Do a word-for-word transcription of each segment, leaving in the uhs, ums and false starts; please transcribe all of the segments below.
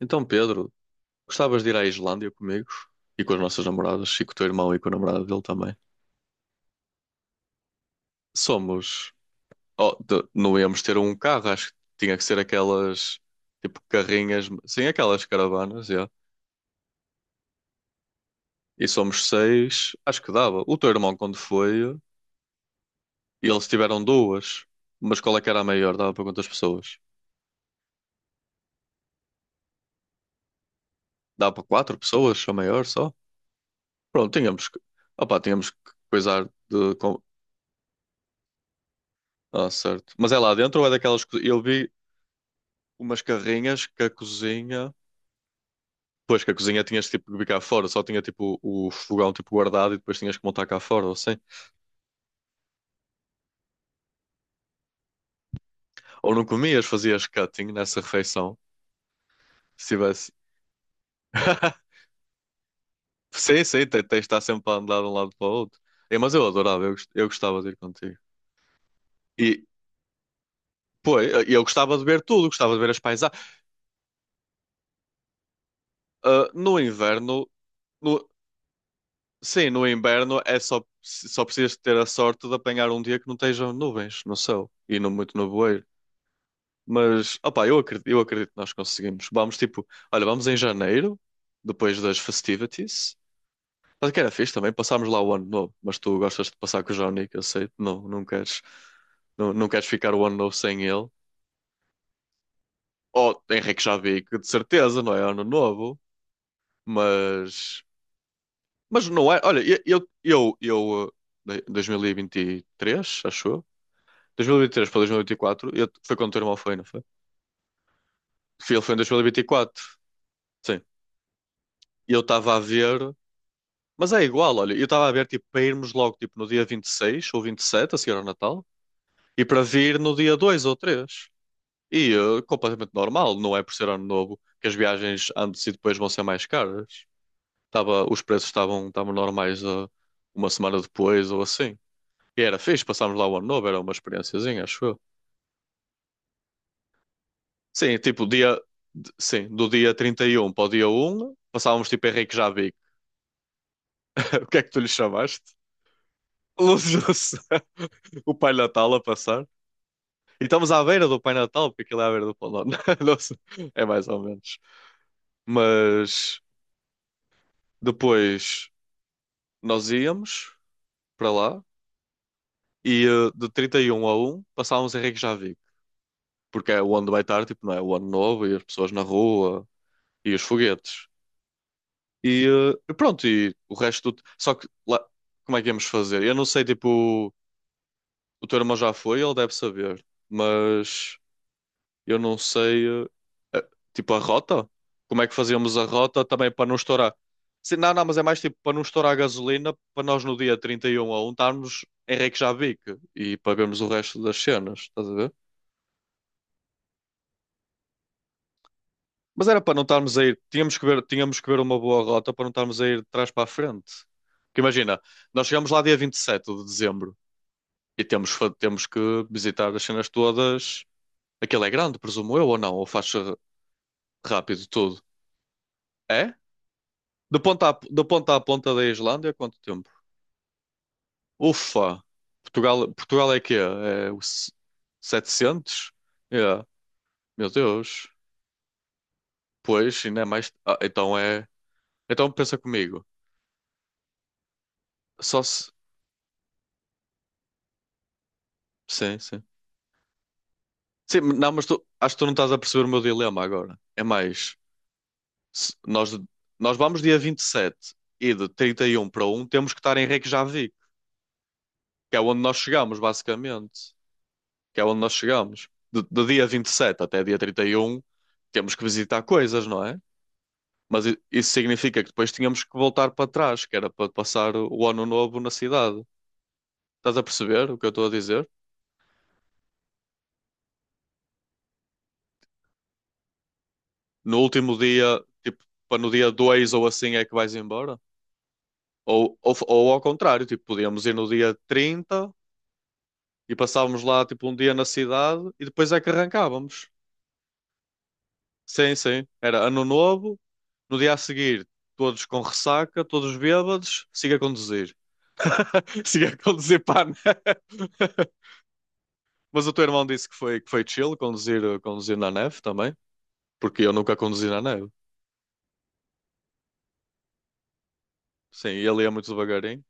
Então, Pedro, gostavas de ir à Islândia comigo e com as nossas namoradas e com o teu irmão e com a namorada dele também? Somos. Oh, de- não íamos ter um carro, acho que tinha que ser aquelas tipo carrinhas, sim, aquelas caravanas, é. E somos seis, acho que dava. O teu irmão, quando foi, eles tiveram duas, mas qual é que era a maior? Dava para quantas pessoas? Dava para quatro pessoas, a maior só? Pronto, tínhamos que. Opá, tínhamos que coisar de com- Ah, certo. Mas é lá dentro ou é daquelas que- Eu vi umas carrinhas que a cozinha. Pois, que a cozinha tinhas tipo que vir cá fora, só tinha tipo o fogão tipo guardado e depois tinhas que montar cá fora, ou assim. Ou não comias, fazias cutting nessa refeição, se tivesse. Sim, sim, te- tens de estar sempre a andar de um lado para o outro. É, mas eu adorava, eu, gost- eu gostava de ir contigo. E, pô, eu eu gostava de ver tudo, gostava de ver as paisagens. Ah, no inverno, no- sim, no inverno é só, só precisas de ter a sorte de apanhar um dia que não estejam nuvens no céu e não muito nevoeiro. Mas, opá, eu acredito, eu acredito que nós conseguimos. Vamos, tipo, olha, vamos em janeiro, depois das festivities. Mas que era fixe também, passámos lá o ano novo. Mas tu gostas de passar com o Johnny, que eu sei, não, não queres, não, não queres ficar o ano novo sem ele. Ou Henrique já vi que de certeza, não é ano novo, mas, mas não é. Olha, eu, eu, eu, eu eh, dois mil e vinte e três, acho eu. dois mil e vinte e três para dois mil e vinte e quatro, eu, foi quando o teu irmão foi, não foi? Foi- Ele foi em dois mil e vinte e quatro, sim. E eu estava a ver. Mas é igual, olha, eu estava a ver tipo, para irmos logo tipo, no dia vinte e seis ou vinte e sete a seguir ao Natal, e para vir no dia dois ou três. E eh, completamente normal, não é por ser ano novo que as viagens antes e depois vão ser mais caras. Tava, os preços estavam estavam normais eh, uma semana depois ou assim. E era fixe, passámos lá o ano novo, era uma experiênciazinha, acho eu. Sim, tipo, dia, d- sim, do dia trinta e um para o dia um passávamos tipo Henrique Javi. O que é que tu lhe chamaste? Luz do céu. O Pai Natal a passar. E estamos à beira do Pai Natal, porque aquilo é à beira do Pão de Ló. Não sei, é mais ou menos. Mas depois nós íamos para lá e eh, de trinta e um a um passávamos em Reykjavik, porque é onde vai estar, tipo, não é? O ano novo e as pessoas na rua e os foguetes. E eh, e pronto, e o resto do... Só que lá, como é que íamos fazer? Eu não sei, tipo, o teu irmão já foi, ele deve saber, mas eu não sei, eh, eh, tipo a rota? Como é que fazíamos a rota também para não estourar? Sim, não, não, mas é mais tipo para não estourar a gasolina, para nós no dia trinta e um a um estarmos em Reykjavik e pagamos o resto das cenas, estás a ver? Mas era para não estarmos a ir, tínhamos que ver, tínhamos que ver uma boa rota para não estarmos a ir de trás para a frente. Porque imagina, nós chegamos lá dia vinte e sete de dezembro e temos, fa- temos que visitar as cenas todas. Aquilo é grande, presumo eu, ou não? Ou faz rápido tudo? É? Do ponto à, do ponto à ponta da Islândia, quanto tempo? Ufa! Portugal, Portugal é quê? É o se- setecentos? É. Meu Deus. Pois, ainda é mais. Ah, então é. Então pensa comigo. Só se. Sim, sim. Sim, mas não, mas tu, acho que tu não estás a perceber o meu dilema agora. É mais. se- nós, nós vamos dia vinte e sete e de trinta e um para um temos que estar em Reykjavik, que é onde nós chegamos, basicamente. Que é onde nós chegamos. Do, do dia vinte e sete até dia trinta e um temos que visitar coisas, não é? Mas i- isso significa que depois tínhamos que voltar para trás, que era para passar o ano novo na cidade. Estás a perceber o que eu estou a dizer? No último dia, tipo, para no dia dois ou assim é que vais embora? Ou, ou, f- ou ao contrário, tipo, podíamos ir no dia trinta e passávamos lá, tipo, um dia na cidade e depois é que arrancávamos. Sim, sim. Era ano novo, no dia a seguir, todos com ressaca, todos bêbados, siga a conduzir. Seguia a conduzir para a neve. Mas o teu irmão disse que foi, que foi chill conduzir, eh, conduzir na neve também, porque eu nunca conduzi na neve. Sim, ele ia muito devagarinho.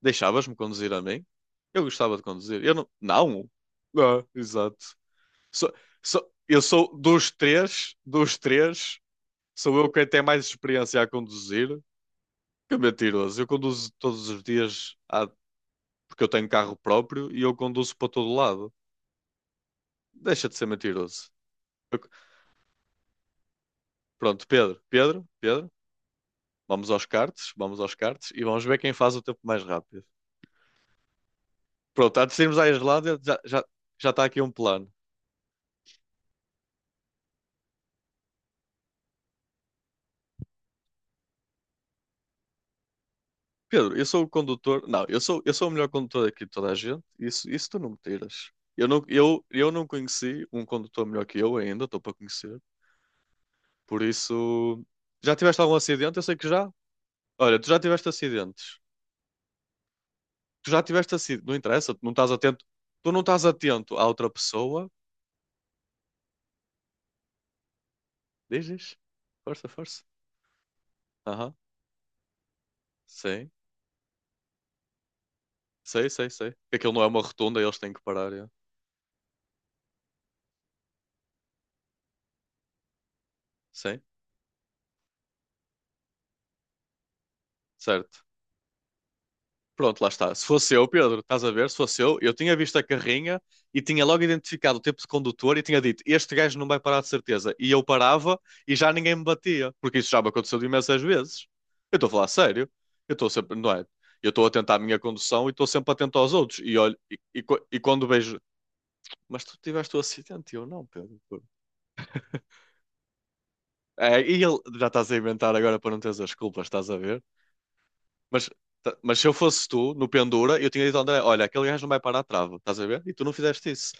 Deixavas-me conduzir a mim? Eu gostava de conduzir. Eu não. Não! Ah, exato. Sou, sou, eu sou dos três, dos três, sou eu quem tem mais experiência a conduzir. Que é mentiroso. Eu conduzo todos os dias à- porque eu tenho carro próprio e eu conduzo para todo lado. Deixa de ser mentiroso. Eu- Pronto, Pedro, Pedro, Pedro. Vamos aos cartes, vamos aos cartes e vamos ver quem faz o tempo mais rápido. Pronto, antes de irmos à Islândia, já, já, já está aqui um plano. Pedro, eu sou o condutor. Não, eu sou, eu sou o melhor condutor aqui de toda a gente. Isso, isso tu não me tiras. Eu não, eu, eu não conheci um condutor melhor que eu ainda, estou para conhecer. Por isso, já tiveste algum acidente? Eu sei que já. Olha, tu já tiveste acidentes. Tu já tiveste acidente. Não interessa, tu não estás atento. Tu não estás atento à outra pessoa. Diz, diz. Força, força. Aham, sim. Sei, sei, sei. Que aquilo não é uma rotunda, eles têm que parar. É. Sim, certo. Pronto, lá está. Se fosse eu, Pedro, estás a ver? Se fosse eu, eu tinha visto a carrinha e tinha logo identificado o tipo de condutor e tinha dito: este gajo não vai parar de certeza. E eu parava e já ninguém me batia, porque isso já me aconteceu imensas vezes. Eu estou a falar sério. Eu estou sempre, não é? Eu estou atento à minha condução e estou sempre atento aos outros. E olho, e, e co- e quando vejo, mas tu tiveste o acidente, e eu não, Pedro. É, e ele, já estás a inventar agora para não teres as culpas, estás a ver? Mas, ta- mas se eu fosse tu, no pendura, eu tinha dito ao André: olha, aquele gajo não vai parar a trava, estás a ver? E tu não fizeste isso.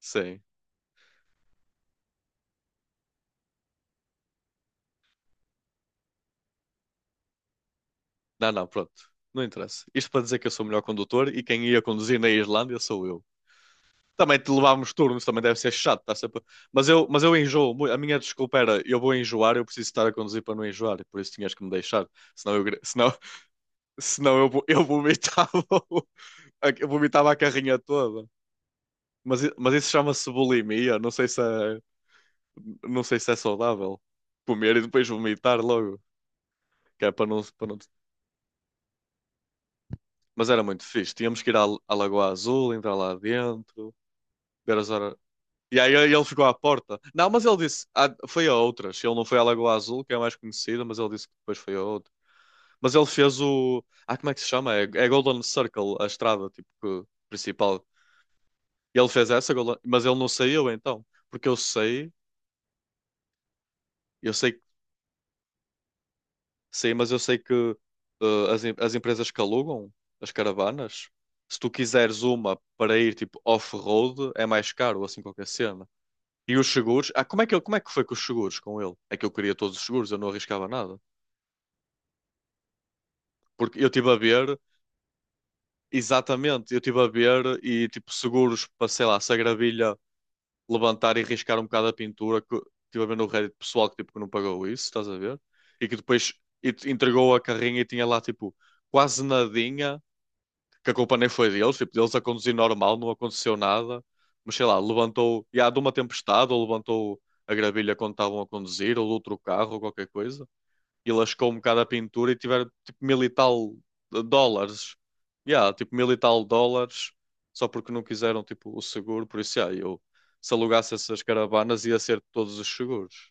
Sim. Não, não, pronto. Não interessa. Isto para dizer que eu sou o melhor condutor e quem ia conduzir na Islândia sou eu. Também te levámos turnos, também deve ser chato, tá sempre... Mas eu, mas eu enjoo. mu- A minha desculpa era: eu vou enjoar, eu preciso estar a conduzir para não enjoar, e por isso tinhas que me deixar. Senão eu, gri- senão, senão eu, vo- eu vomitava, o- a- eu vomitava a carrinha toda. Mas, i- mas isso chama-se bulimia, não sei se é. Não sei se é saudável comer e depois vomitar logo, que é para não, para não... Mas era muito fixe. Tínhamos que ir à, à Lagoa Azul, entrar lá dentro, ver as horas. E aí ele ficou à porta. Não, mas ele disse, ah, foi a outras. Ele não foi à Lagoa Azul, que é a mais conhecida, mas ele disse que depois foi a outra. Mas ele fez o. Ah, como é que se chama? É, é Golden Circle, a estrada tipo, que- principal. E ele fez essa, Golden, mas ele não saiu então. Porque eu sei, eu sei. Sim, mas eu sei que eh, as, em- as empresas que alugam as caravanas, se tu quiseres uma para ir tipo off-road, é mais caro, assim qualquer cena. E os seguros, ah, como é que, eu- como é que foi com os seguros com ele? É que eu queria todos os seguros, eu não arriscava nada. Porque eu estive a ver, exatamente, eu estive a ver e tipo seguros para, sei lá, se a gravilha levantar e riscar um bocado a pintura, que estive a ver no Reddit pessoal que tipo que não pagou isso, estás a ver? E que depois e- entregou a carrinha e tinha lá tipo quase nadinha, que a culpa nem foi deles, tipo, deles a conduzir normal, não aconteceu nada, mas sei lá, levantou, e há de uma tempestade, ou levantou a gravilha quando estavam a conduzir, ou de outro carro, ou qualquer coisa, e lascou um bocado a pintura e tiveram tipo mil e tal dólares, yeah, tipo mil e tal dólares, só porque não quiseram tipo o seguro, por isso, yeah, eu, se alugasse essas caravanas, ia ser todos os seguros.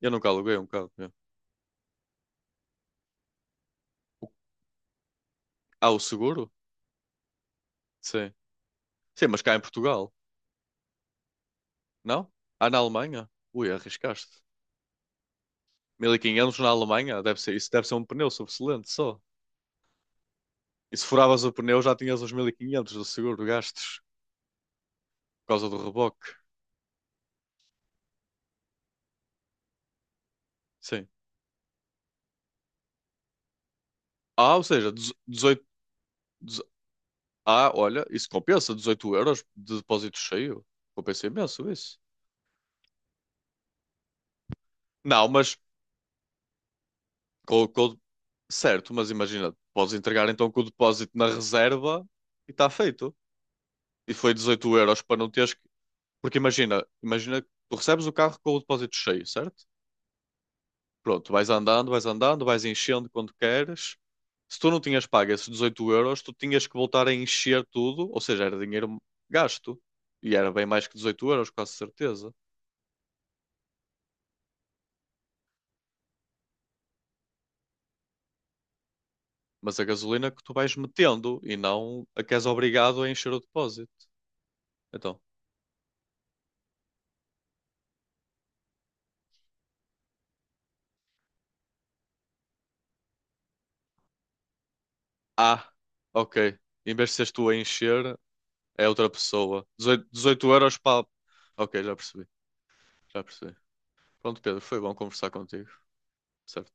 Eu nunca aluguei um carro. Yeah. Ah, o seguro? Sim. Sim, mas cá em Portugal, não? Ah, na Alemanha? Ui, arriscaste. mil e quinhentos na Alemanha, deve ser, isso deve ser um pneu sobressalente só. E se furavas o pneu já tinhas os mil e quinhentos do seguro gastos por causa do reboque. Sim. Ah, ou seja, dezo- dezoito. dezo- Ah, olha, isso compensa, dezoito euros de depósito cheio. Compensa imenso isso. Não, mas com, com- certo, mas imagina, podes entregar então com o depósito na reserva e está feito. E foi dezoito euros para não teres que. Porque imagina, imagina, que tu recebes o carro com o depósito cheio, certo? Pronto, vais andando, vais andando, vais enchendo quando queres. Se tu não tinhas pago esses dezoito euros, tu tinhas que voltar a encher tudo, ou seja, era dinheiro gasto. E era bem mais que dezoito euros, quase certeza. Mas a gasolina que tu vais metendo e não a que és obrigado a encher o depósito. Então, ah, ok. Em vez de seres tu a encher, é outra pessoa. dezoito, dezoito euros para. Ok, já percebi, já percebi. Pronto, Pedro, foi bom conversar contigo. Certo?